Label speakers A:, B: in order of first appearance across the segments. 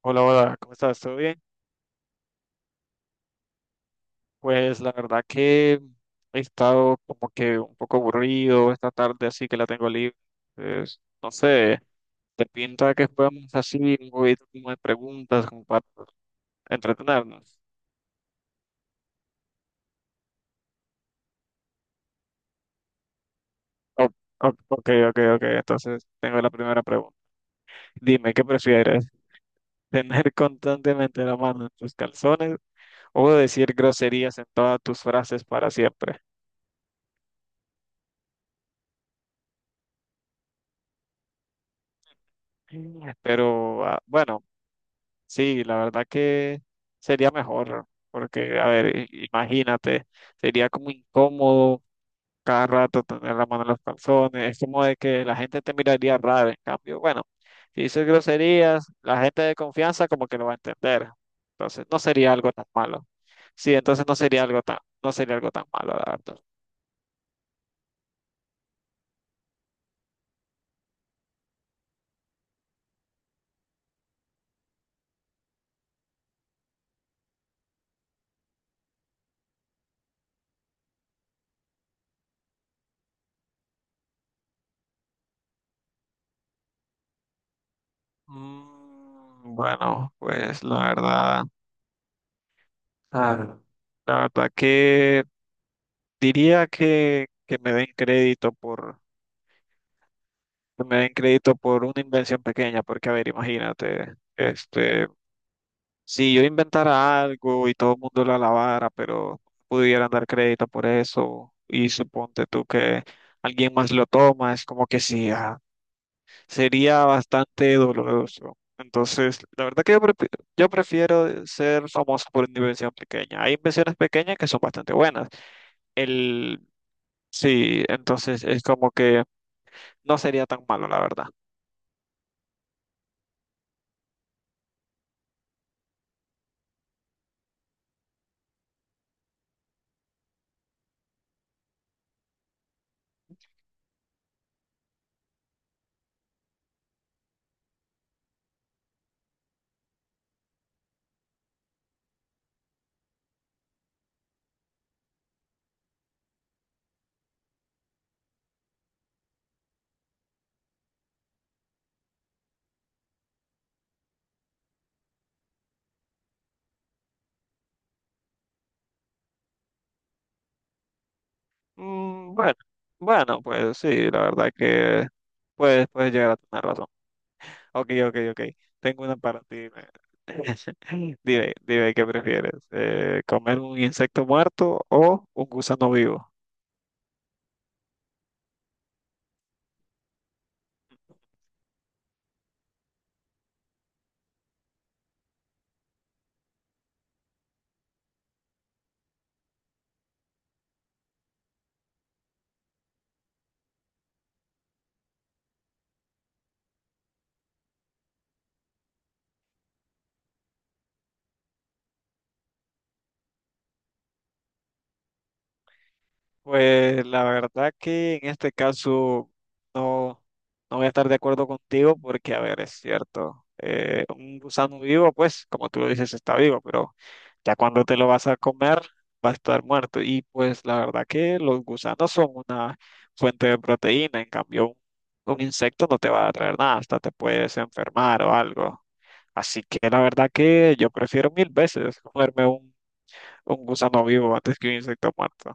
A: Hola, hola, ¿cómo estás? ¿Todo bien? Pues la verdad que he estado como que un poco aburrido esta tarde, así que la tengo libre. Entonces, no sé, ¿te pinta que podamos así un poquito como de preguntas como para entretenernos? O- ok, ok, ok, entonces tengo la primera pregunta. Dime, ¿qué prefieres? ¿Tener constantemente la mano en tus calzones o decir groserías en todas tus frases para siempre? Mm. Pero bueno. Sí, la verdad que sería mejor, porque, a ver, imagínate, sería como incómodo cada rato tener la mano en los calzones, es como de que la gente te miraría raro, en cambio, bueno, si dices groserías, la gente de confianza como que lo va a entender, entonces no sería algo tan malo, sí, entonces no sería algo tan, no sería algo tan malo, la verdad. Mm, bueno, pues la verdad, ah, la verdad que diría que me den crédito por que me den crédito por una invención pequeña, porque a ver, imagínate, si yo inventara algo y todo el mundo lo alabara, pero pudieran dar crédito por eso, y suponte tú que alguien más lo toma, es como que sí, sería bastante doloroso. Entonces, la verdad que yo prefiero ser famoso por una invención pequeña. Hay invenciones pequeñas que son bastante buenas. El, sí, entonces es como que no sería tan malo, la verdad. Mm, bueno, bueno, pues sí, la verdad que puedes llegar a tener razón. Ok, ok, ok. Tengo una para ti. Dime, dime, ¿qué prefieres? ¿Comer un insecto muerto o un gusano vivo? Pues la verdad que en este caso no, no voy a estar de acuerdo contigo porque, a ver, es cierto, un gusano vivo, pues, como tú lo dices, está vivo, pero ya cuando te lo vas a comer, va a estar muerto. Y pues la verdad que los gusanos son una fuente de proteína, en cambio un insecto no te va a traer nada, hasta te puedes enfermar o algo. Así que la verdad que yo prefiero mil veces comerme un gusano vivo antes que un insecto muerto.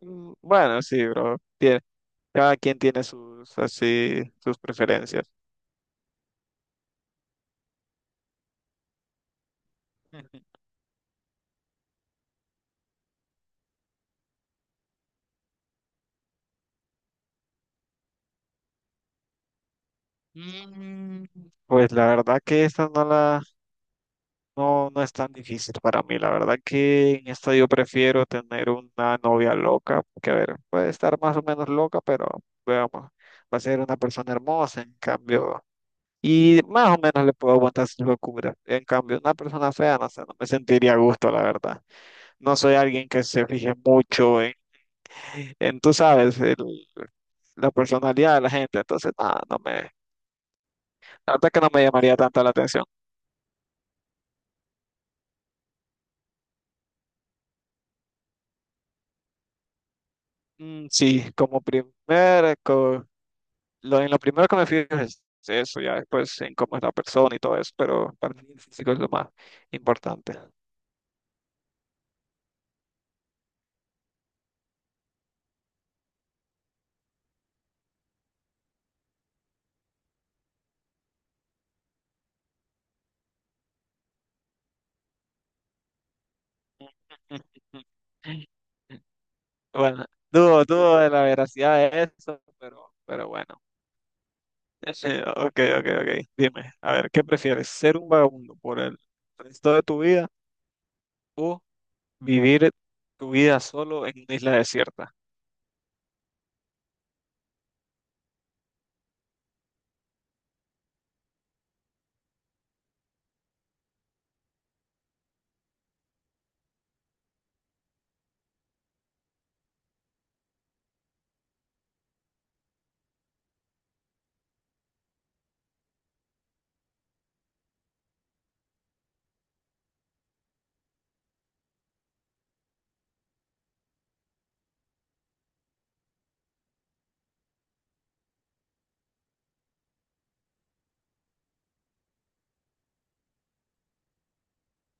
A: Mm, bueno, sí, bro. Cada quien tiene sus, así, sus preferencias. Mm, pues la verdad que esta no, no es tan difícil para mí. La verdad que en esta yo prefiero tener una novia loca, que a ver, puede estar más o menos loca, pero veamos, va a ser una persona hermosa, en cambio, y más o menos le puedo aguantar sus locuras. En cambio, una persona fea, no sé, no me sentiría a gusto, la verdad. No soy alguien que se fije mucho en, tú sabes, la personalidad de la gente. Entonces, nada, no me, la verdad que no me llamaría tanto la atención. Mm, sí, como primer, co- lo, en lo primero que me fijo es eso, ya después en cómo es la persona y todo eso, pero para mí el físico es lo más importante. Bueno, dudo de la veracidad de eso, pero bueno. Ok, ok, ok. Dime, a ver, ¿qué prefieres? ¿Ser un vagabundo por el resto de tu vida, o vivir tu vida solo en una isla desierta?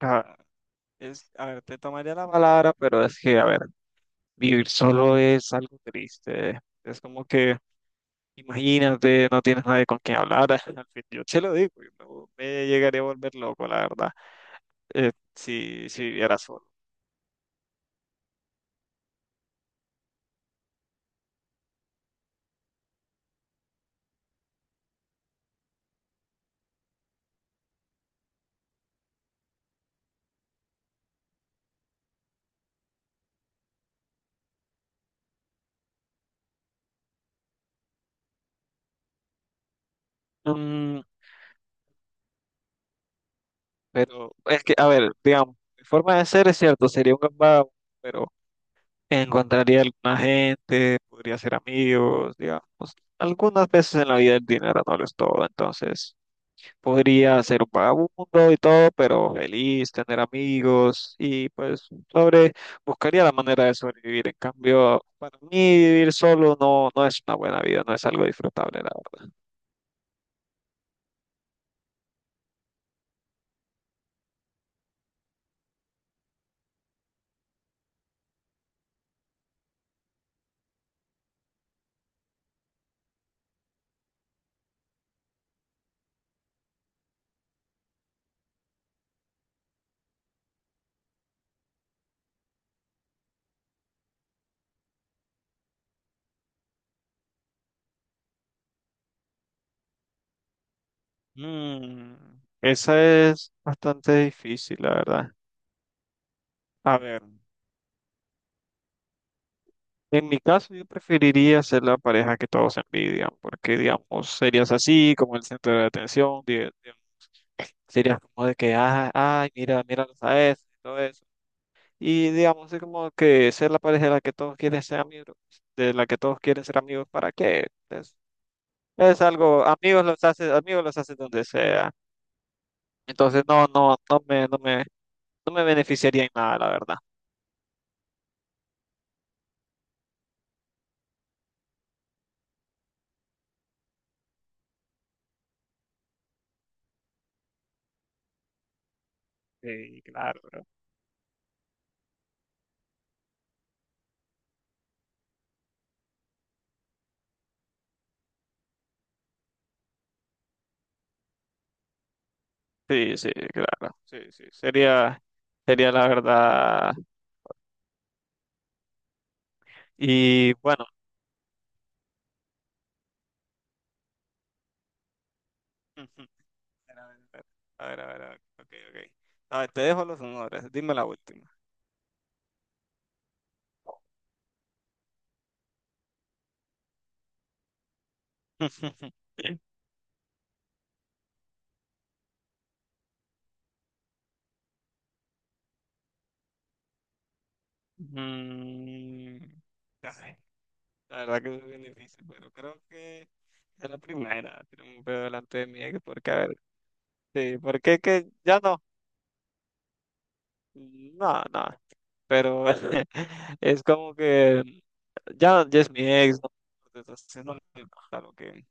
A: Ah, a ver, te tomaría la palabra, pero es que, a ver, vivir solo es algo triste. Es como que, imagínate, no tienes nadie con quien hablar. Al fin, yo te lo digo, yo no me llegaría a volver loco, la verdad, si viviera solo. Mm, pero es que, a ver, digamos, mi forma de ser es cierto, sería un gambado, pero encontraría alguna gente, podría hacer amigos, digamos. Algunas veces en la vida el dinero no lo es todo, entonces podría ser un vagabundo y todo, pero feliz, tener amigos y pues buscaría la manera de sobrevivir. En cambio, para mí vivir solo no, no es una buena vida, no es algo disfrutable, la verdad. Mm, esa es bastante difícil, la verdad. A ver. En mi caso, yo preferiría ser la pareja que todos envidian, porque, digamos, serías así, como el centro de atención, serías como de que, ay, mira, míralos a eso, y todo eso. Y, digamos, es como que ser la pareja de la que todos quieren ser amigos, de la que todos quieren ser amigos, ¿para qué? Es algo, amigos los haces donde sea. Entonces, no, no, no me beneficiaría en nada, la verdad. Sí, claro, bro. Sí, sí, claro. Sí, sí, sería la verdad. Y bueno, ujú. A ver, a ver, a ver, a ver, ok, ok. A ver, te dejo los honores, dime la última. Mm, ay, la verdad que es bien difícil, pero creo que es la primera. Tiene un pedo delante de mí, que porque, a ver, sí, porque que ya no, no, no, pero es como que ya, ya es mi ex, ¿no? Entonces, no, claro que.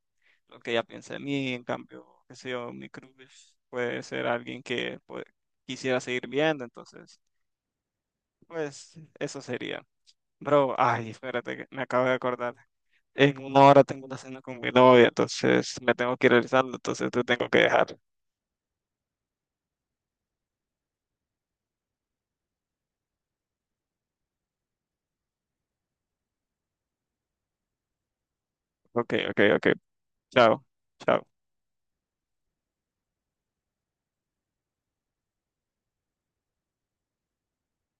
A: Lo que ella piensa de mí, en cambio, qué sé yo, mi crush puede ser alguien que pues, quisiera seguir viendo, entonces, pues eso sería. Bro, ay, espérate, que me acabo de acordar. En 1 hora tengo una cena con mi novia, entonces me tengo que ir realizando, entonces te tengo que dejar. Ok, ok, ok. Chao, chao.